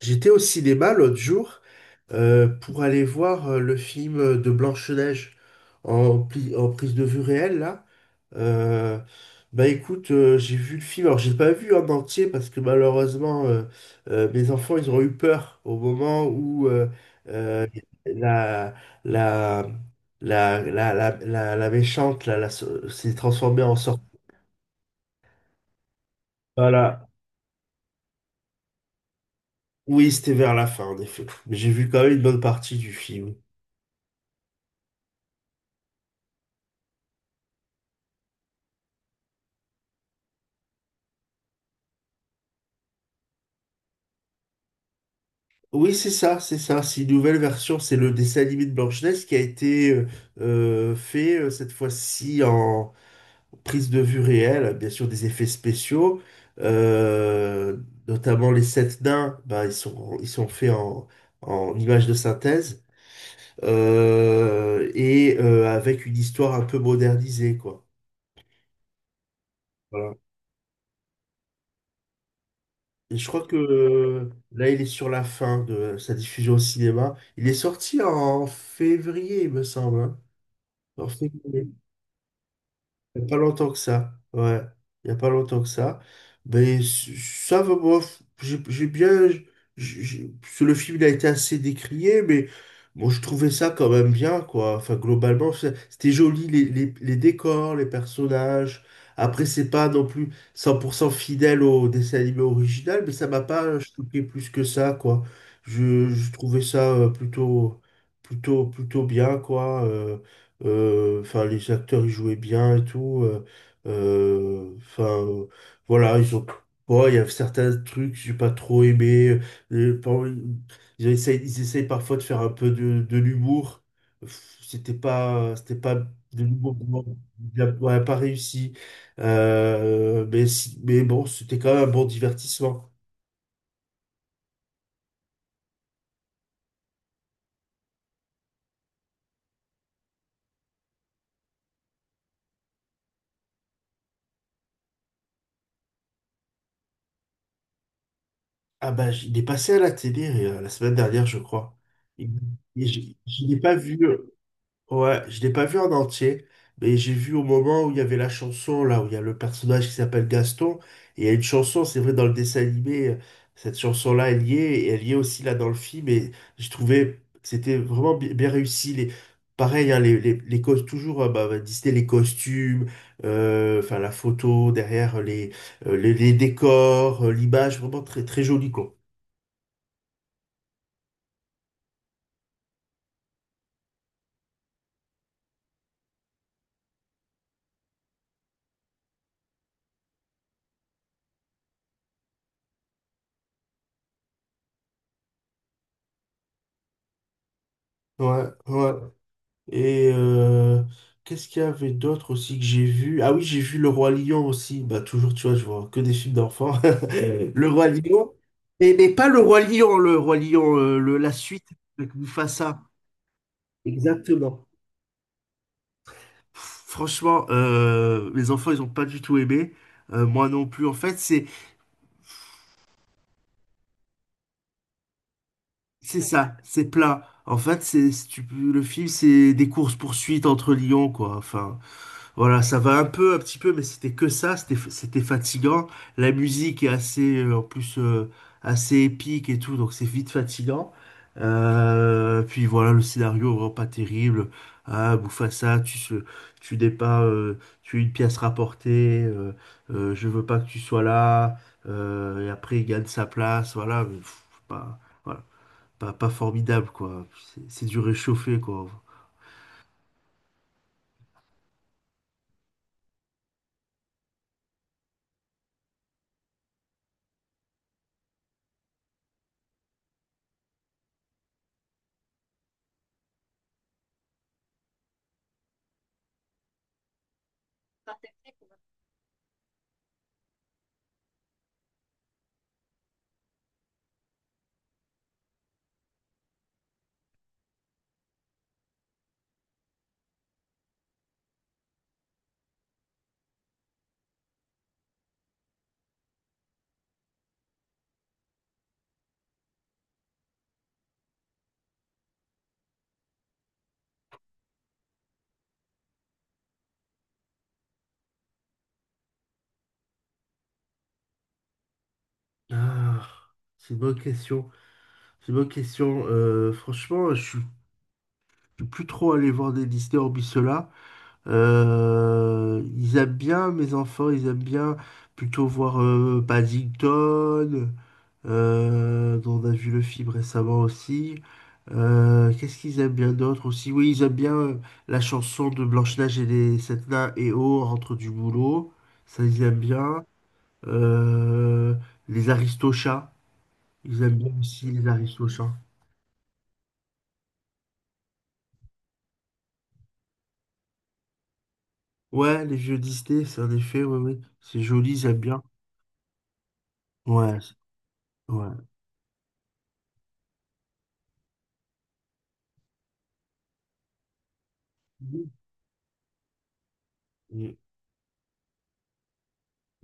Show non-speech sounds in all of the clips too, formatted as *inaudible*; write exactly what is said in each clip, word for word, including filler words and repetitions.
J'étais au cinéma l'autre jour, euh, pour aller voir euh, le film de Blanche-Neige en, pli- en prise de vue réelle là. Euh, Bah écoute, euh, j'ai vu le film. Alors j'ai pas vu en entier parce que malheureusement euh, euh, mes enfants ils ont eu peur au moment où euh, euh, la, la, la, la, la, la- la méchante là, la so- s'est transformée en sorte. Voilà. Oui, c'était vers la fin en effet. Mais j'ai vu quand même une bonne partie du film. Oui, c'est ça, c'est ça. C'est une nouvelle version. C'est le dessin animé de Blanche-Neige qui a été euh, euh, fait euh, cette fois-ci en prise de vue réelle, bien sûr des effets spéciaux, euh, notamment les sept nains. Bah, ils sont ils sont faits en en images de synthèse, euh, et euh, avec une histoire un peu modernisée, quoi. Voilà. Et je crois que euh, là, il est sur la fin de sa diffusion au cinéma. Il est sorti en février, il me semble, hein. En février. Il n'y a pas longtemps que ça. Ouais. Il n'y a pas longtemps que ça. Mais c- ça va, moi, f- j'ai j'ai bien. j- j- Parce que le film il a été assez décrié, mais bon, je trouvais ça quand même bien, quoi. Enfin, globalement, c'est- c'était joli, les, les, les décors, les personnages. Après, c'est pas non plus cent pour cent fidèle au dessin animé original, mais ça m'a pas choqué plus que ça, quoi. Je, je trouvais ça, euh, plutôt, plutôt, plutôt bien, quoi. euh. Euh, enfin, les acteurs, ils jouaient bien et tout. euh, euh, Enfin, euh, voilà, ils ont. Bon, il y a certains trucs que j'ai pas trop aimé. euh, euh, par- Ils essayent, ils essayent parfois de faire un peu de, de l'humour. Pff, c'était pas, c'était pas de l'humour, vraiment bien- ouais, pas réussi. Euh, mais, si- mais bon, c'était quand même un bon divertissement. Ah bah, il est passé à la télé euh, la semaine dernière, je crois. Et, et je, je l'ai pas vu. euh, Ouais, je l'ai pas vu en entier, mais j'ai vu au moment où il y avait la chanson, là, où il y a le personnage qui s'appelle Gaston, et il y a une chanson, c'est vrai, dans le dessin animé. Euh, cette chanson-là elle y est liée, et elle y est aussi là dans le film, et j'ai trouvé que c'était vraiment bi- bien réussi. Les, pareil, hein, les, les, les cos- toujours, euh, bah, bah, Disney, les costumes, euh, enfin, la photo derrière, les, euh, les, les décors, euh, l'image, vraiment très, très joli, quoi. Ouais, ouais. Et euh, qu'est-ce qu'il y avait d'autre aussi que j'ai vu? Ah oui, j'ai vu Le Roi Lion aussi. Bah toujours, tu vois, je vois que des films d'enfants. *laughs* Le Roi Lion. Et, mais pas Le Roi Lion, Le Roi Lion, euh, le- la suite avec Mufasa. Exactement. Pff, franchement, euh, les enfants, ils ont pas du tout aimé. Euh, moi non plus. En fait, c'est c'est ça, c'est plat. En fait, c'est c'est- tu peux- le film, c'est des courses-poursuites entre lions, quoi. Enfin. Voilà, ça va un peu, un petit peu, mais c'était que ça, c'était c'était fatigant. La musique est assez, euh, en plus, euh, assez épique et tout, donc c'est vite fatigant. Euh, puis voilà, le scénario vraiment pas terrible. Ah, Mufasa, tu se, tu n'es pas, euh, tu es une pièce rapportée. Euh, euh, je veux pas que tu sois là. Euh, et après, il gagne sa place. Voilà, mais pff, pas, voilà, pas, pas formidable quoi. C'est c'est du réchauffé quoi. Ah, c'est une bonne question. C'est une bonne question. Euh, franchement, je suis je suis plus trop allé voir des Disney hormis ceux-là. Euh, ils aiment bien mes enfants, ils aiment bien plutôt voir euh, Paddington, euh, dont on a vu le film récemment aussi. Euh, qu'est-ce qu'ils aiment bien d'autre aussi? Oui, ils aiment bien euh, la chanson de Blanche-Neige et les sept nains et oh, rentre du boulot. Ça, ils aiment bien. Euh, les Aristochats, ils aiment bien aussi les Aristochats. Ouais, les vieux Disney, c'est en effet, ouais, ouais. C'est joli, j'aime bien. Ouais, c'est- ouais. Mm.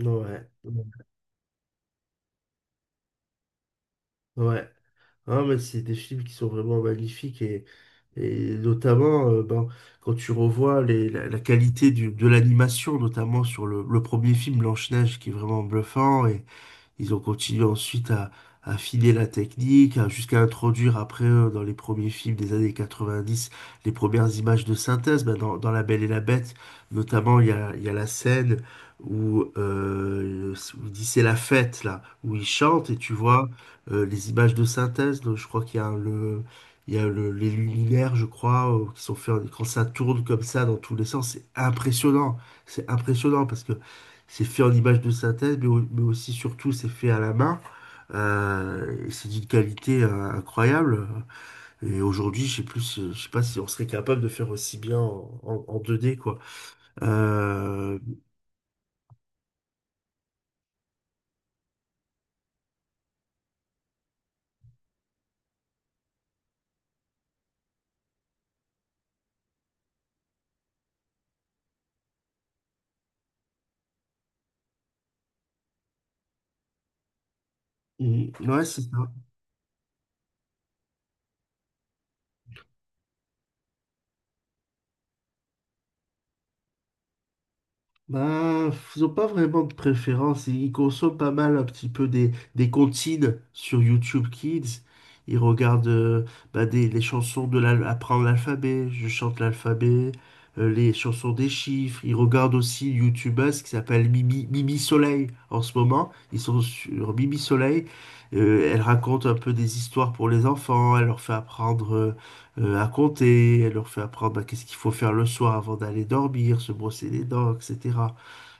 Ouais. Ouais. Ah, mais c'est des films qui sont vraiment magnifiques, et, et notamment euh, ben, quand tu revois les, la, la qualité du, de l'animation, notamment sur le, le premier film Blanche-Neige qui est vraiment bluffant. Ils ont continué ensuite à affiner la technique, à- jusqu'à introduire après, euh, dans les premiers films des années quatre-vingt-dix, les premières images de synthèse. Ben, dans, dans La Belle et la Bête, notamment, il y a, il y a la scène où, euh, où il dit c'est la fête, là, où il chante et tu vois euh, les images de synthèse. Donc, je crois qu'il y a le, il y a le- les luminaires, je crois, euh, qui sont faits en- quand ça tourne comme ça dans tous les sens. C'est impressionnant. C'est impressionnant parce que c'est fait en image de synthèse, mais, au- mais aussi, surtout, c'est fait à la main. Euh, et c'est d'une qualité euh, incroyable. Et aujourd'hui, je sais plus, euh, je sais pas si on serait capable de faire aussi bien en, en- en deux D, quoi. Euh, mm, ouais, c'est ça. Bah, ils n'ont pas vraiment de préférence. Ils ils consomment pas mal un petit peu des, des comptines sur YouTube Kids. Ils regardent, euh, bah, des, les chansons de l'al- apprendre l'alphabet. Je chante l'alphabet. Euh, les chansons des chiffres. Ils regardent aussi une youtubeuse qui s'appelle Mimi, Mimi Soleil en ce moment. Ils sont sur Mimi Soleil. Euh, elle raconte un peu des histoires pour les enfants. Elle leur fait apprendre euh, euh, à compter. Elle leur fait apprendre bah, qu'est-ce qu'il faut faire le soir avant d'aller dormir, se brosser les dents, et cetera.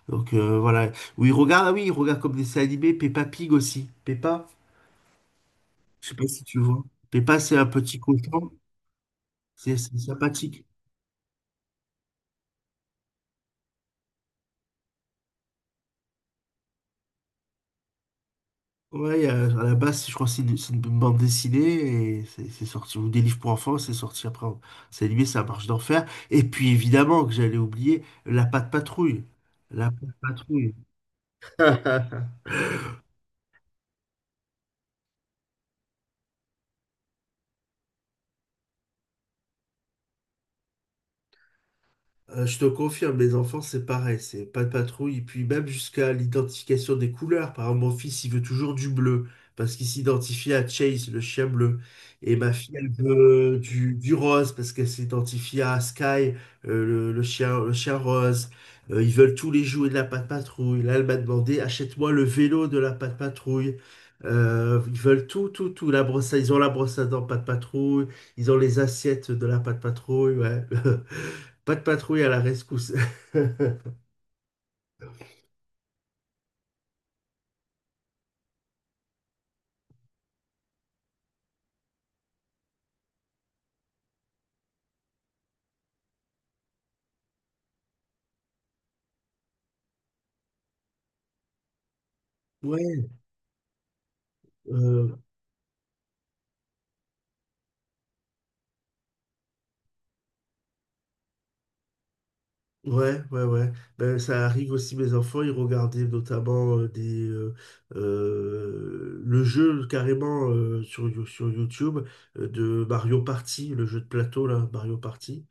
Donc euh, voilà. Oui, regarde, ah oui, il regarde comme des dessins animés, Peppa Pig aussi. Peppa, je sais pas si tu vois. Peppa, c'est un petit cochon, c'est c'est sympathique. Ouais, il à la base, je crois que c'est une, c'est une bande dessinée et c'est c'est sorti, ou des livres pour enfants, c'est sorti après. en- C'est animé, ça marche d'enfer. Et puis évidemment que j'allais oublier la Patte Patrouille. La Patte Patrouille. *laughs* Euh, je te confirme, mes enfants, c'est pareil, c'est pas de patrouille. Et puis même jusqu'à l'identification des couleurs. Par exemple, mon fils, il veut toujours du bleu, parce qu'il s'identifie à Chase, le chien bleu. Et ma fille, elle veut du, du rose, parce qu'elle s'identifie à Sky, euh, le, le chien, le chien rose. Euh, ils veulent tous les jouets de la Patte Patrouille. Là, elle m'a demandé, achète-moi le vélo de la Patte Patrouille. Euh, ils veulent tout, tout, tout. La brosse à- ils ont la brosse à dents Patte Patrouille. Ils ont les assiettes de la Patte Patrouille. Ouais. *laughs* Pas de patrouille à la rescousse. *laughs* Ouais, euh, ouais, ouais, ouais. Ben, ça arrive aussi, mes enfants, ils regardaient notamment euh, des, euh, euh, le jeu carrément euh, sur, You- sur YouTube, euh, de Mario Party, le jeu de plateau, là, Mario Party.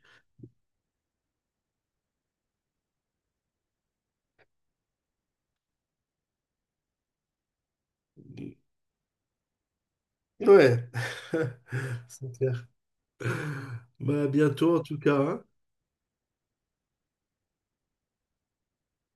Ouais, *laughs* c'est clair. Bah, à bientôt en tout cas, hein.